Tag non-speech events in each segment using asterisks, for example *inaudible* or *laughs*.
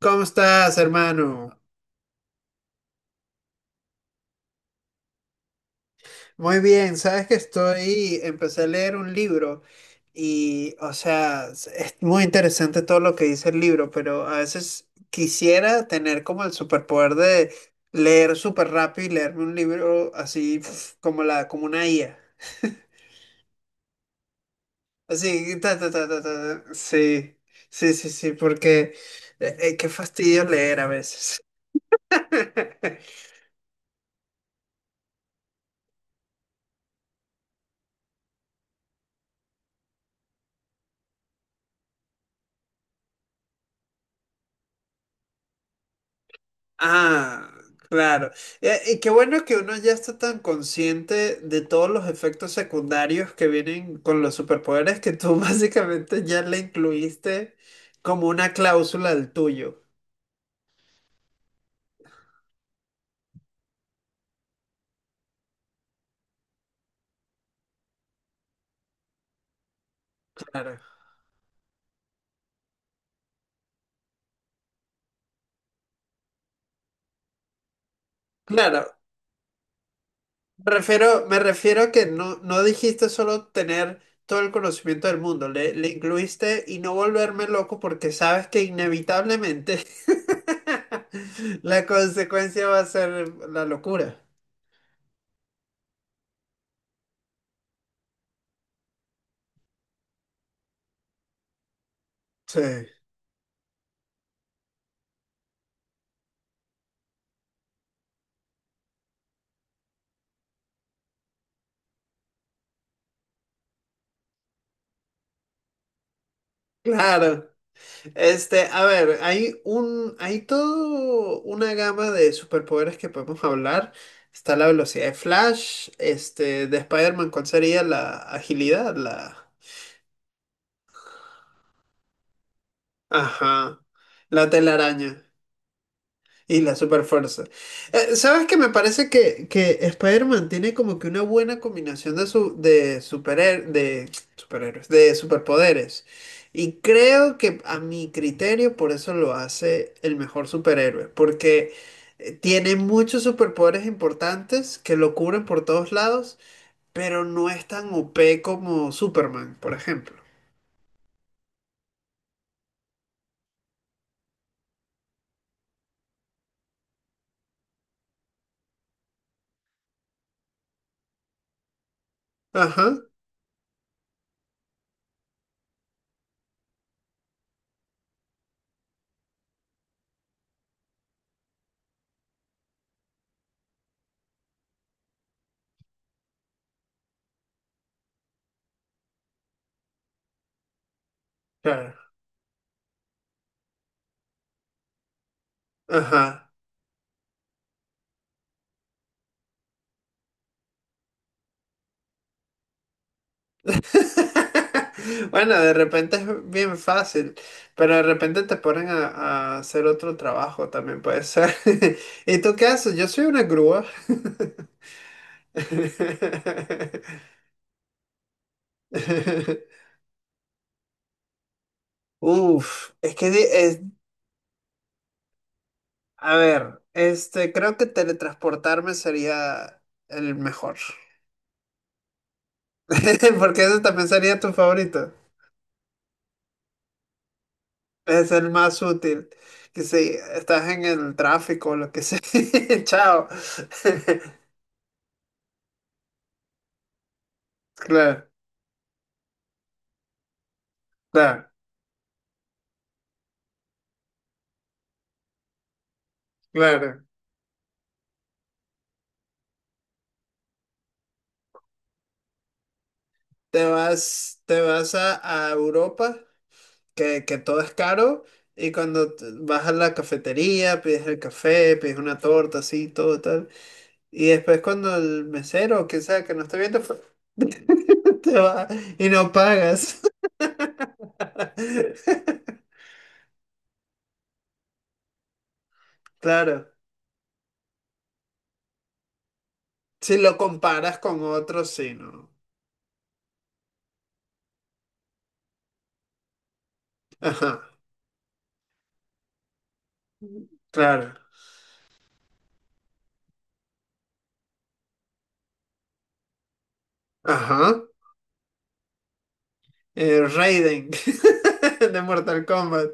¿Cómo estás, hermano? Muy bien, sabes que estoy, empecé a leer un libro y, o sea, es muy interesante todo lo que dice el libro, pero a veces quisiera tener como el superpoder de leer súper rápido y leerme un libro así pf, como la, como una IA. Así, ta, ta, ta, ta, ta, ta. Sí, sí, sí, sí, porque qué fastidio leer a veces. *laughs* Ah, claro. Y qué bueno que uno ya está tan consciente de todos los efectos secundarios que vienen con los superpoderes que tú *laughs* básicamente ya le incluiste como una cláusula al tuyo. Claro. Claro. Me refiero a que no, no dijiste solo tener todo el conocimiento del mundo, le incluiste y no volverme loco porque sabes que inevitablemente *laughs* la consecuencia va a ser la locura. Sí, claro. Este, a ver, hay un, hay toda una gama de superpoderes que podemos *laughs* hablar. Está la velocidad de Flash, este, de Spider-Man, ¿cuál sería la agilidad? La, ajá, la telaraña. Y la super fuerza. ¿Sabes qué? Me parece que Spider-Man tiene como que una buena combinación de, su, de, superher- de superhéroes, de superpoderes. Y creo que a mi criterio por eso lo hace el mejor superhéroe. Porque tiene muchos superpoderes importantes que lo cubren por todos lados, pero no es tan OP como Superman, por ejemplo. Ajá, claro. Ajá. *laughs* Bueno, de repente es bien fácil, pero de repente te ponen a hacer otro trabajo también puede ser. *laughs* ¿Y tú qué haces? Yo soy una grúa. *laughs* Uf, es que di- es, a ver, este, creo que teletransportarme sería el mejor. *laughs* Porque ese también sería tu favorito. Es el más útil. Que si estás en el tráfico o lo que sea. *laughs* Chao. *laughs* Claro. Claro, claro. Te vas a Europa, que todo es caro, y cuando t- vas a la cafetería, pides el café, pides una torta, así, todo tal. Y después cuando el mesero, o quien sea, que no esté viendo, *laughs* te va y no pagas. *laughs* Claro. Si lo comparas con otros, sí, ¿no? Ajá, claro. Ajá. Raiden *laughs* de Mortal Kombat.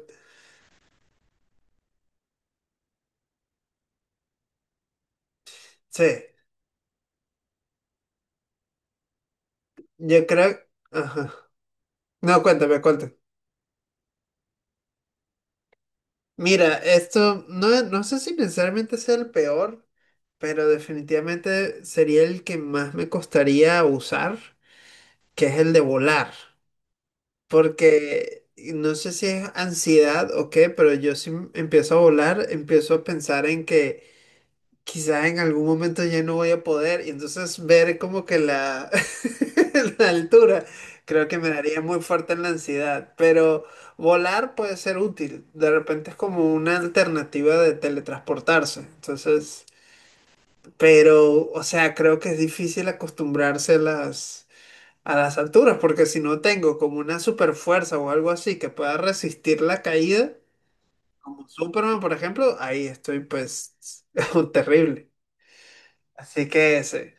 Sí, yo creo... Ajá. No, cuéntame, cuéntame. Mira, esto no, no sé si necesariamente sea el peor, pero definitivamente sería el que más me costaría usar, que es el de volar. Porque no sé si es ansiedad o qué, pero yo si empiezo a volar, empiezo a pensar en que quizá en algún momento ya no voy a poder y entonces ver como que la, *laughs* la altura creo que me daría muy fuerte en la ansiedad, pero volar puede ser útil, de repente es como una alternativa de teletransportarse, entonces, pero, o sea, creo que es difícil acostumbrarse a las alturas porque si no tengo como una super fuerza o algo así que pueda resistir la caída. Como Superman, por ejemplo, ahí estoy pues *laughs* terrible. Así que ese.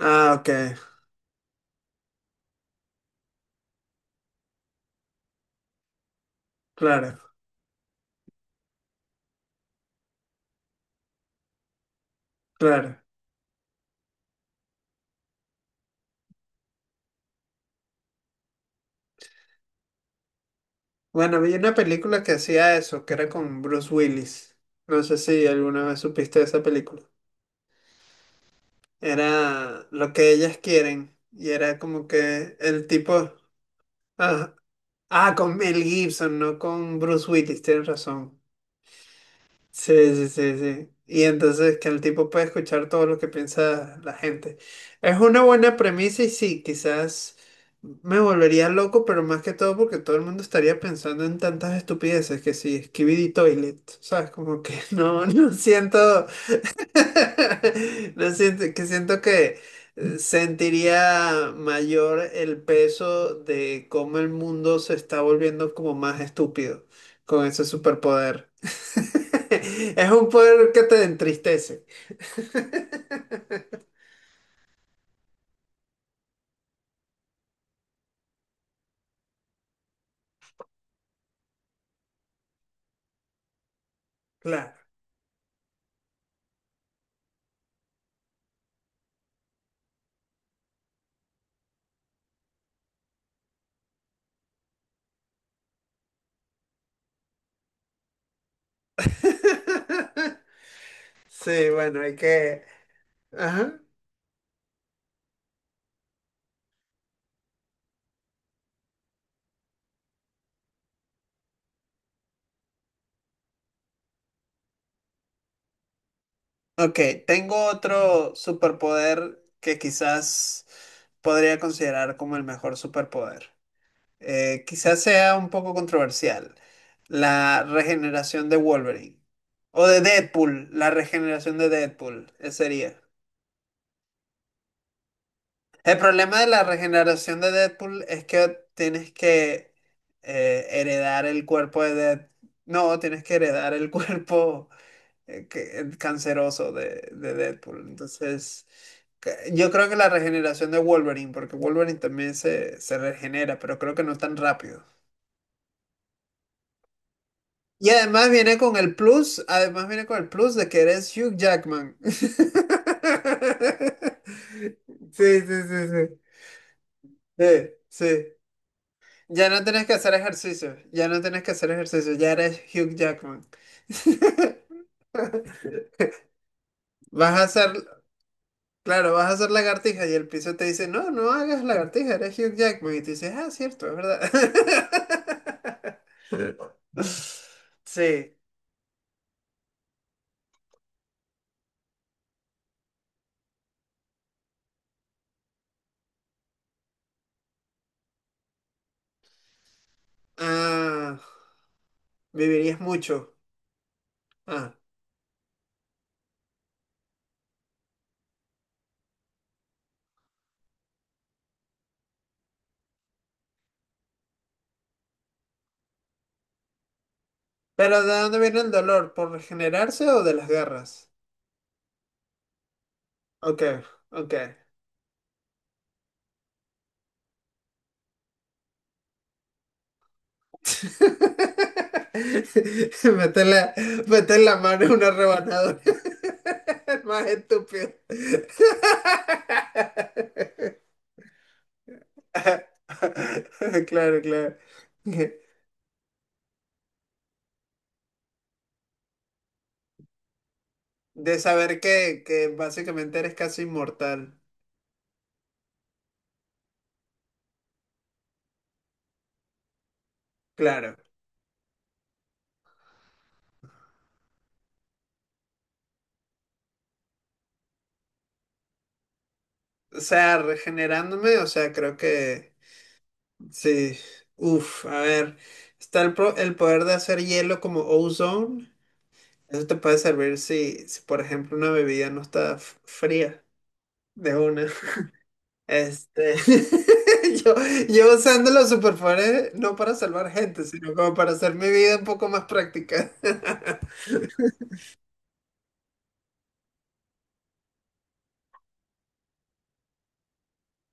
Ah, ok, claro, claro. Bueno, vi una película que hacía eso, que era con Bruce Willis. No sé si alguna vez supiste de esa película. Era lo que ellas quieren. Y era como que el tipo... Ah, ah, con Mel Gibson, no con Bruce Willis, tienes razón. Sí, sí, sí, sí. Y entonces que el tipo puede escuchar todo lo que piensa la gente. Es una buena premisa y sí, quizás me volvería loco, pero más que todo porque todo el mundo estaría pensando en tantas estupideces que sí, Skibidi Toilet, ¿sabes? Como que *laughs* no, no siento, *laughs* No siento- que siento que sentiría mayor el peso de cómo el mundo se está volviendo como más estúpido con ese superpoder. *laughs* Es un poder que te entristece. *laughs* Claro. *laughs* Sí, bueno, hay que... Ajá. Ok, tengo otro superpoder que quizás podría considerar como el mejor superpoder. Quizás sea un poco controversial, la regeneración de Wolverine. O de Deadpool, la regeneración de Deadpool, ese sería. El problema de la regeneración de Deadpool es que tienes que heredar el cuerpo de Deadpool. No, tienes que heredar el *laughs* cuerpo que- el canceroso de Deadpool. Entonces, que- yo creo que la regeneración de Wolverine, porque Wolverine también se regenera, pero creo que no tan rápido. Y además viene con el plus, además viene con el plus de que eres Hugh Jackman. *laughs* Sí, sí, sí, sí. Sí, sí. Ya no tienes que hacer ejercicio, ya no tienes que hacer ejercicio, ya eres Hugh Jackman. *laughs* Vas a hacer, claro, vas a hacer lagartija y el piso te dice, no, no hagas lagartija, eres Hugh Jackman. Y tú dices, ah, cierto, es verdad. *laughs* Sí. Ah, vivirías mucho. Ah, pero ¿de dónde viene el dolor? ¿Por regenerarse o de las garras? Ok, ok. *laughs* Mete la, mete la mano en una rebanadora. *laughs* El más estúpido. *laughs* Claro, claro. De saber que básicamente eres casi inmortal. Claro. O sea, regenerándome, o sea, creo que... Sí, uff, a ver, está el, pro- el poder de hacer hielo como ozone. Eso te puede servir si, si, por ejemplo, una bebida no está f- fría de una. Este, *laughs* yo, yo usando los superpoderes no para salvar gente, sino como para hacer mi vida un poco más práctica.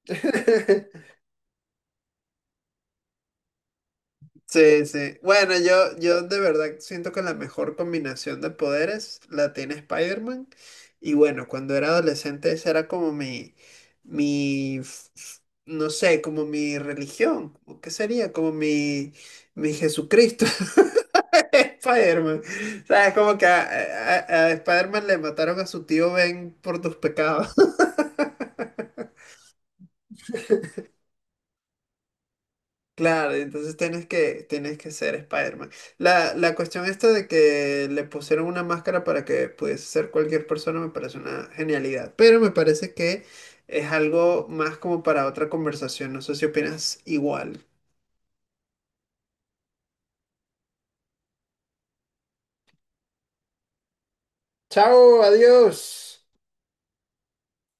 *laughs* Sí, sí. Bueno, yo de verdad siento que la mejor combinación de poderes la tiene Spider-Man. Y bueno, cuando era adolescente esa era como mi, f- f- no sé, como mi religión. ¿O ¿qué sería? Como mi Jesucristo, *laughs* Spider-Man. O sea, es como que a- Spider-Man le mataron a su tío Ben por tus pecados. Claro, entonces tienes que ser Spider-Man. La cuestión esta de que le pusieron una máscara para que pudiese ser cualquier persona me parece una genialidad, pero me parece que es algo más como para otra conversación. No sé si opinas igual. Chao, adiós.